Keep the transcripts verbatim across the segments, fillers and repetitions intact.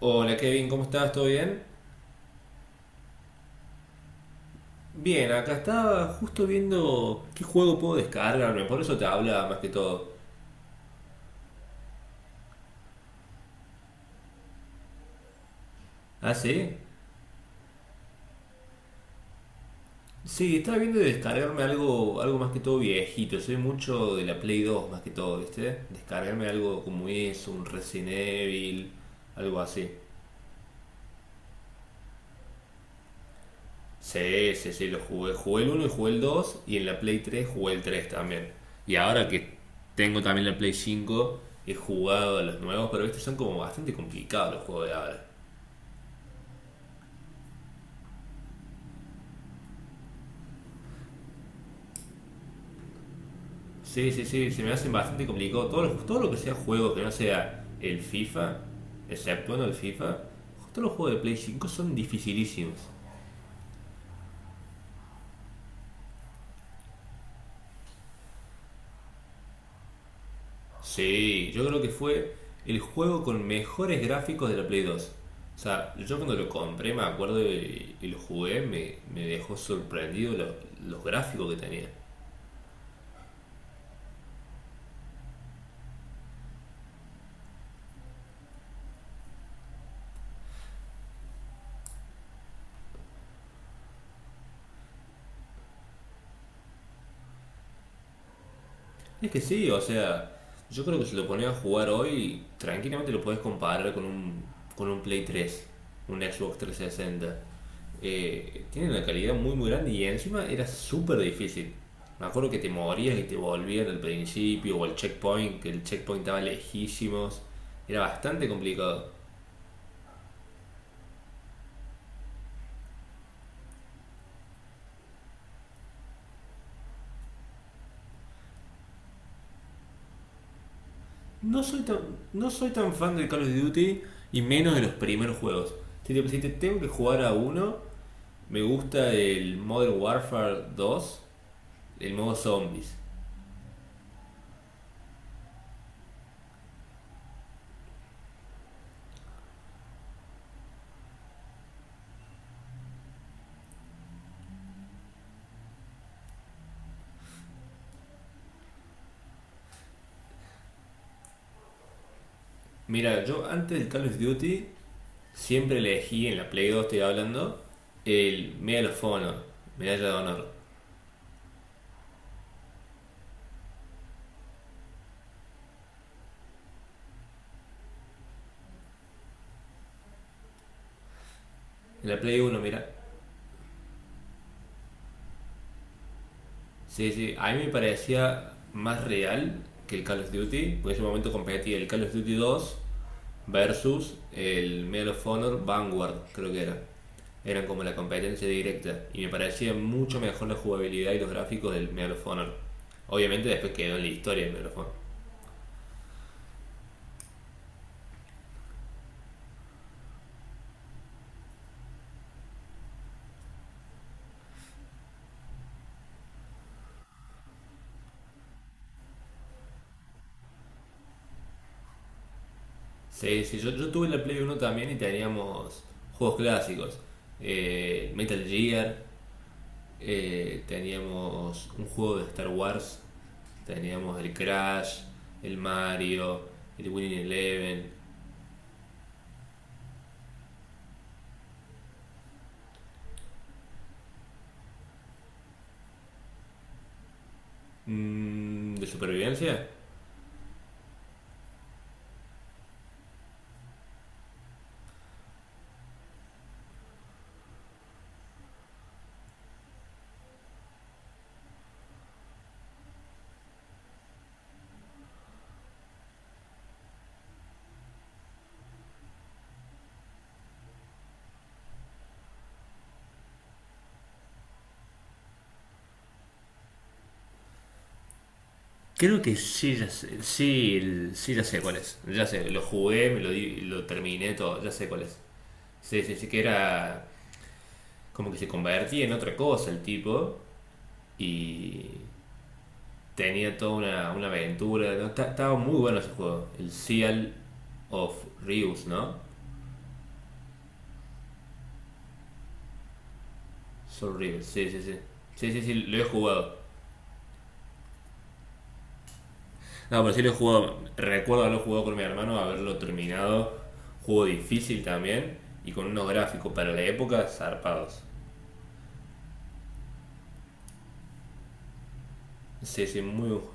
Hola Kevin, ¿cómo estás? ¿Todo bien? Bien, acá estaba justo viendo qué juego puedo descargarme, por eso te habla más que todo. ¿Ah, sí? Sí, estaba viendo de descargarme algo, algo más que todo viejito, soy mucho de la Play dos más que todo, ¿viste? Descargarme algo como eso, un Resident Evil, algo así. Sí, sí, sí, lo jugué. Jugué el uno y jugué el dos y en la Play tres jugué el tres también. Y ahora que tengo también la Play cinco he jugado a los nuevos, pero estos son como bastante complicados los juegos de ahora. Sí, sí, sí, se me hacen bastante complicado. Todo lo, todo lo que sea juego que no sea el FIFA, exceptuando el FIFA, todos los juegos de Play cinco son dificilísimos. Sí, yo creo que fue el juego con mejores gráficos de la Play dos. O sea, yo cuando lo compré, me acuerdo y, y lo jugué, me, me dejó sorprendido lo- los gráficos que tenía. Es que sí, o sea, yo creo que si lo pones a jugar hoy, tranquilamente lo puedes comparar con un, con un Play tres un Xbox trescientos sesenta. Eh, tiene una calidad muy muy grande y encima era súper difícil. Me acuerdo que te morías y te volvían al principio o al checkpoint, que el checkpoint estaba lejísimos. Era bastante complicado. No soy tan, no soy tan fan del Call of Duty y menos de los primeros juegos. Si te, si te tengo que jugar a uno, me gusta el Modern Warfare dos. El modo zombies. Mira, yo antes del Call of Duty siempre elegí, en la Play dos estoy hablando, el Medal of Honor, Medalla de Honor. En la Play uno mira. Sí, sí, a mí me parecía más real que el Call of Duty, porque en ese momento competía el Call of Duty dos versus el Medal of Honor Vanguard, creo que era. Eran como la competencia directa y me parecía mucho mejor la jugabilidad y los gráficos del Medal of Honor. Obviamente después quedó en la historia el Medal of Honor. Sí, sí, yo, yo tuve la Play uno también y teníamos juegos clásicos. Eh, Metal Gear, eh, teníamos un juego de Star Wars, teníamos el Crash, el Mario, el Winning Eleven. Mm, ¿de supervivencia? Creo que sí, ya sé, sí, el- sí, ya sé cuál es. Ya sé, lo jugué, me lo, di- lo terminé todo, ya sé cuál es. Sí, sí, sí, que era como que se convertía en otra cosa el tipo y tenía toda una, una aventura, ¿no? Ta- Estaba muy bueno ese juego. El Seal of Reus, ¿no? Soul Reus, sí, sí, sí. Sí, sí, sí, lo he jugado. No, pero sí lo he jugado. Recuerdo haberlo jugado con mi hermano, haberlo terminado. Juego difícil también. Y con unos gráficos para la época zarpados. Sí, sí, muy buen juego.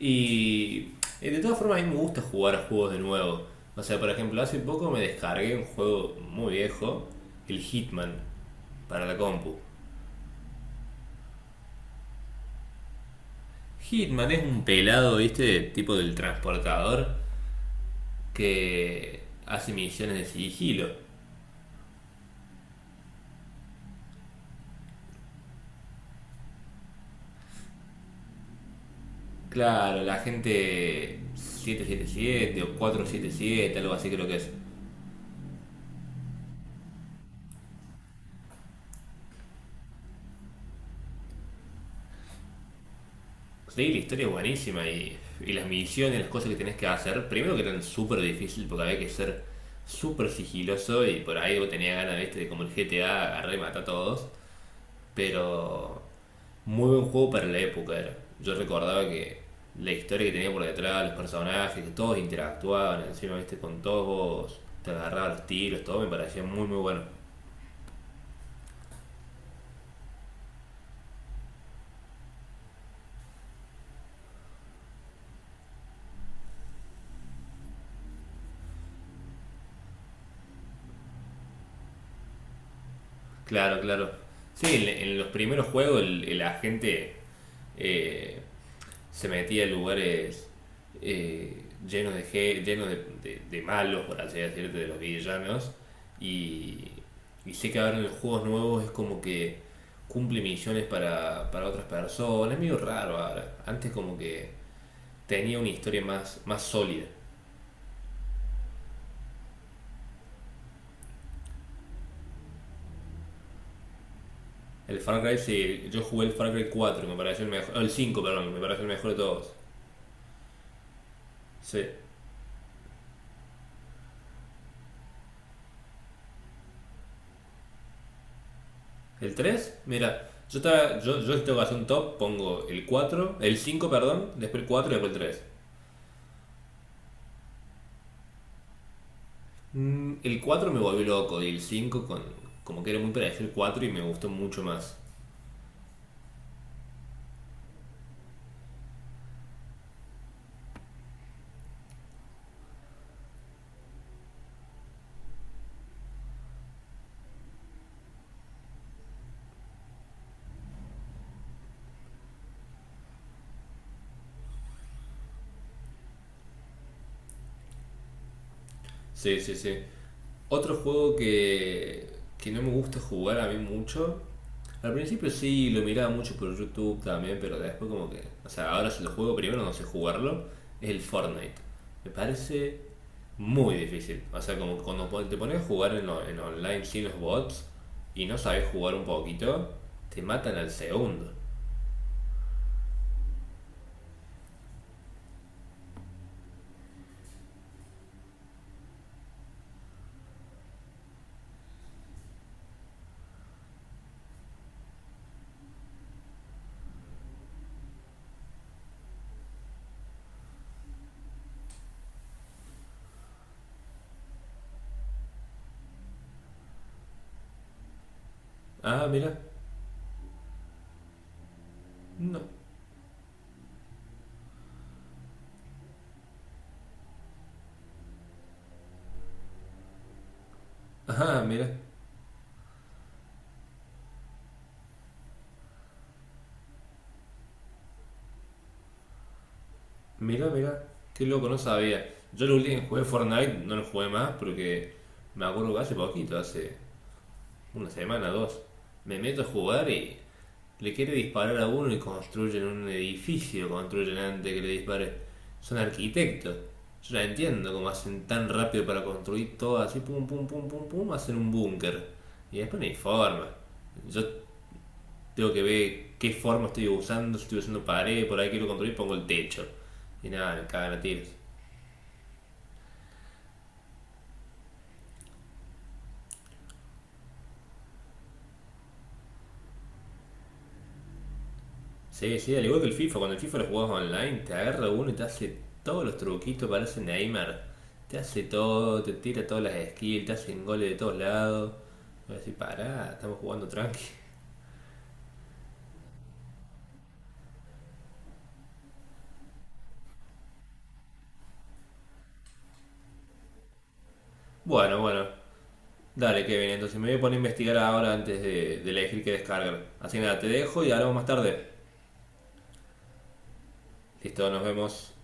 Y eh, de todas formas, a mí me gusta jugar a juegos de nuevo. O sea, por ejemplo, hace poco me descargué un juego muy viejo, el Hitman, para la compu. Hitman es un pelado, ¿viste? Tipo del transportador que hace misiones de sigilo. Claro, la gente siete siete siete o cuatro siete siete, algo así creo que es. Sí, la historia es buenísima y, y las misiones, las cosas que tenés que hacer, primero que eran súper difícil porque había que ser súper sigiloso y por ahí vos tenías ganas, ¿viste? De como el G T A, agarrar y matar a todos. Pero muy buen juego para la época era. Yo recordaba que la historia que tenía por detrás, los personajes, que todos interactuaban, encima viste con todos, te agarraba los tiros, todo me parecía muy muy bueno. Claro, claro. Sí, en, en los primeros juegos el, el agente eh, se metía en lugares eh, llenos de llenos de, de- de malos, por así decirte, de los villanos. Y, y sé que ahora en los juegos nuevos es como que cumple misiones para, para otras personas. Es medio raro ahora. Antes como que tenía una historia más, más sólida. El Far Cry, sí, yo jugué el Far Cry cuatro me pareció el mejor. El cinco perdón, me pareció el mejor de todos. Sí. El tres mira, yo, estaba, yo, yo si tengo que hacer un top, pongo el cuatro el cinco perdón, después el cuatro y después el tres. Mm, el cuatro me volvió loco y el cinco con, como que era muy parecido el cuatro y me gustó mucho más. Sí, sí, sí. Otro juego que, que no me gusta jugar a mí mucho. Al principio sí, lo miraba mucho por YouTube también, pero después como que… O sea, ahora si lo juego primero no sé jugarlo. Es el Fortnite. Me parece muy difícil. O sea, como cuando pon- te pones a jugar en, lo- en online sin los bots y no sabes jugar un poquito, te matan al segundo. Ah, mira. No, ajá, mira, mira, mira. Qué loco, no sabía. Yo lo último que jugué Fortnite, no lo jugué más porque me acuerdo que hace poquito, hace una semana, dos. Me meto a jugar y le quiere disparar a uno y construyen un edificio, construyen antes que le dispare. Son arquitectos. Yo no entiendo cómo hacen tan rápido para construir todo así, pum, pum, pum, pum, pum, hacen un búnker. Y después no hay forma. Yo tengo que ver qué forma estoy usando, si estoy usando pared, por ahí quiero construir, pongo el techo. Y nada, me cagan a tiros. Sí, sí, al igual que el FIFA, cuando el FIFA lo jugás online, te agarra uno y te hace todos los truquitos, parece Neymar. Te hace todo, te tira todas las skills, te hacen goles de todos lados. Voy a decir, pará, estamos jugando tranqui. Bueno, bueno, dale Kevin, entonces me voy a poner a investigar ahora antes de, de elegir qué descargar. Así que nada, te dejo y hablamos más tarde. Listo, nos vemos.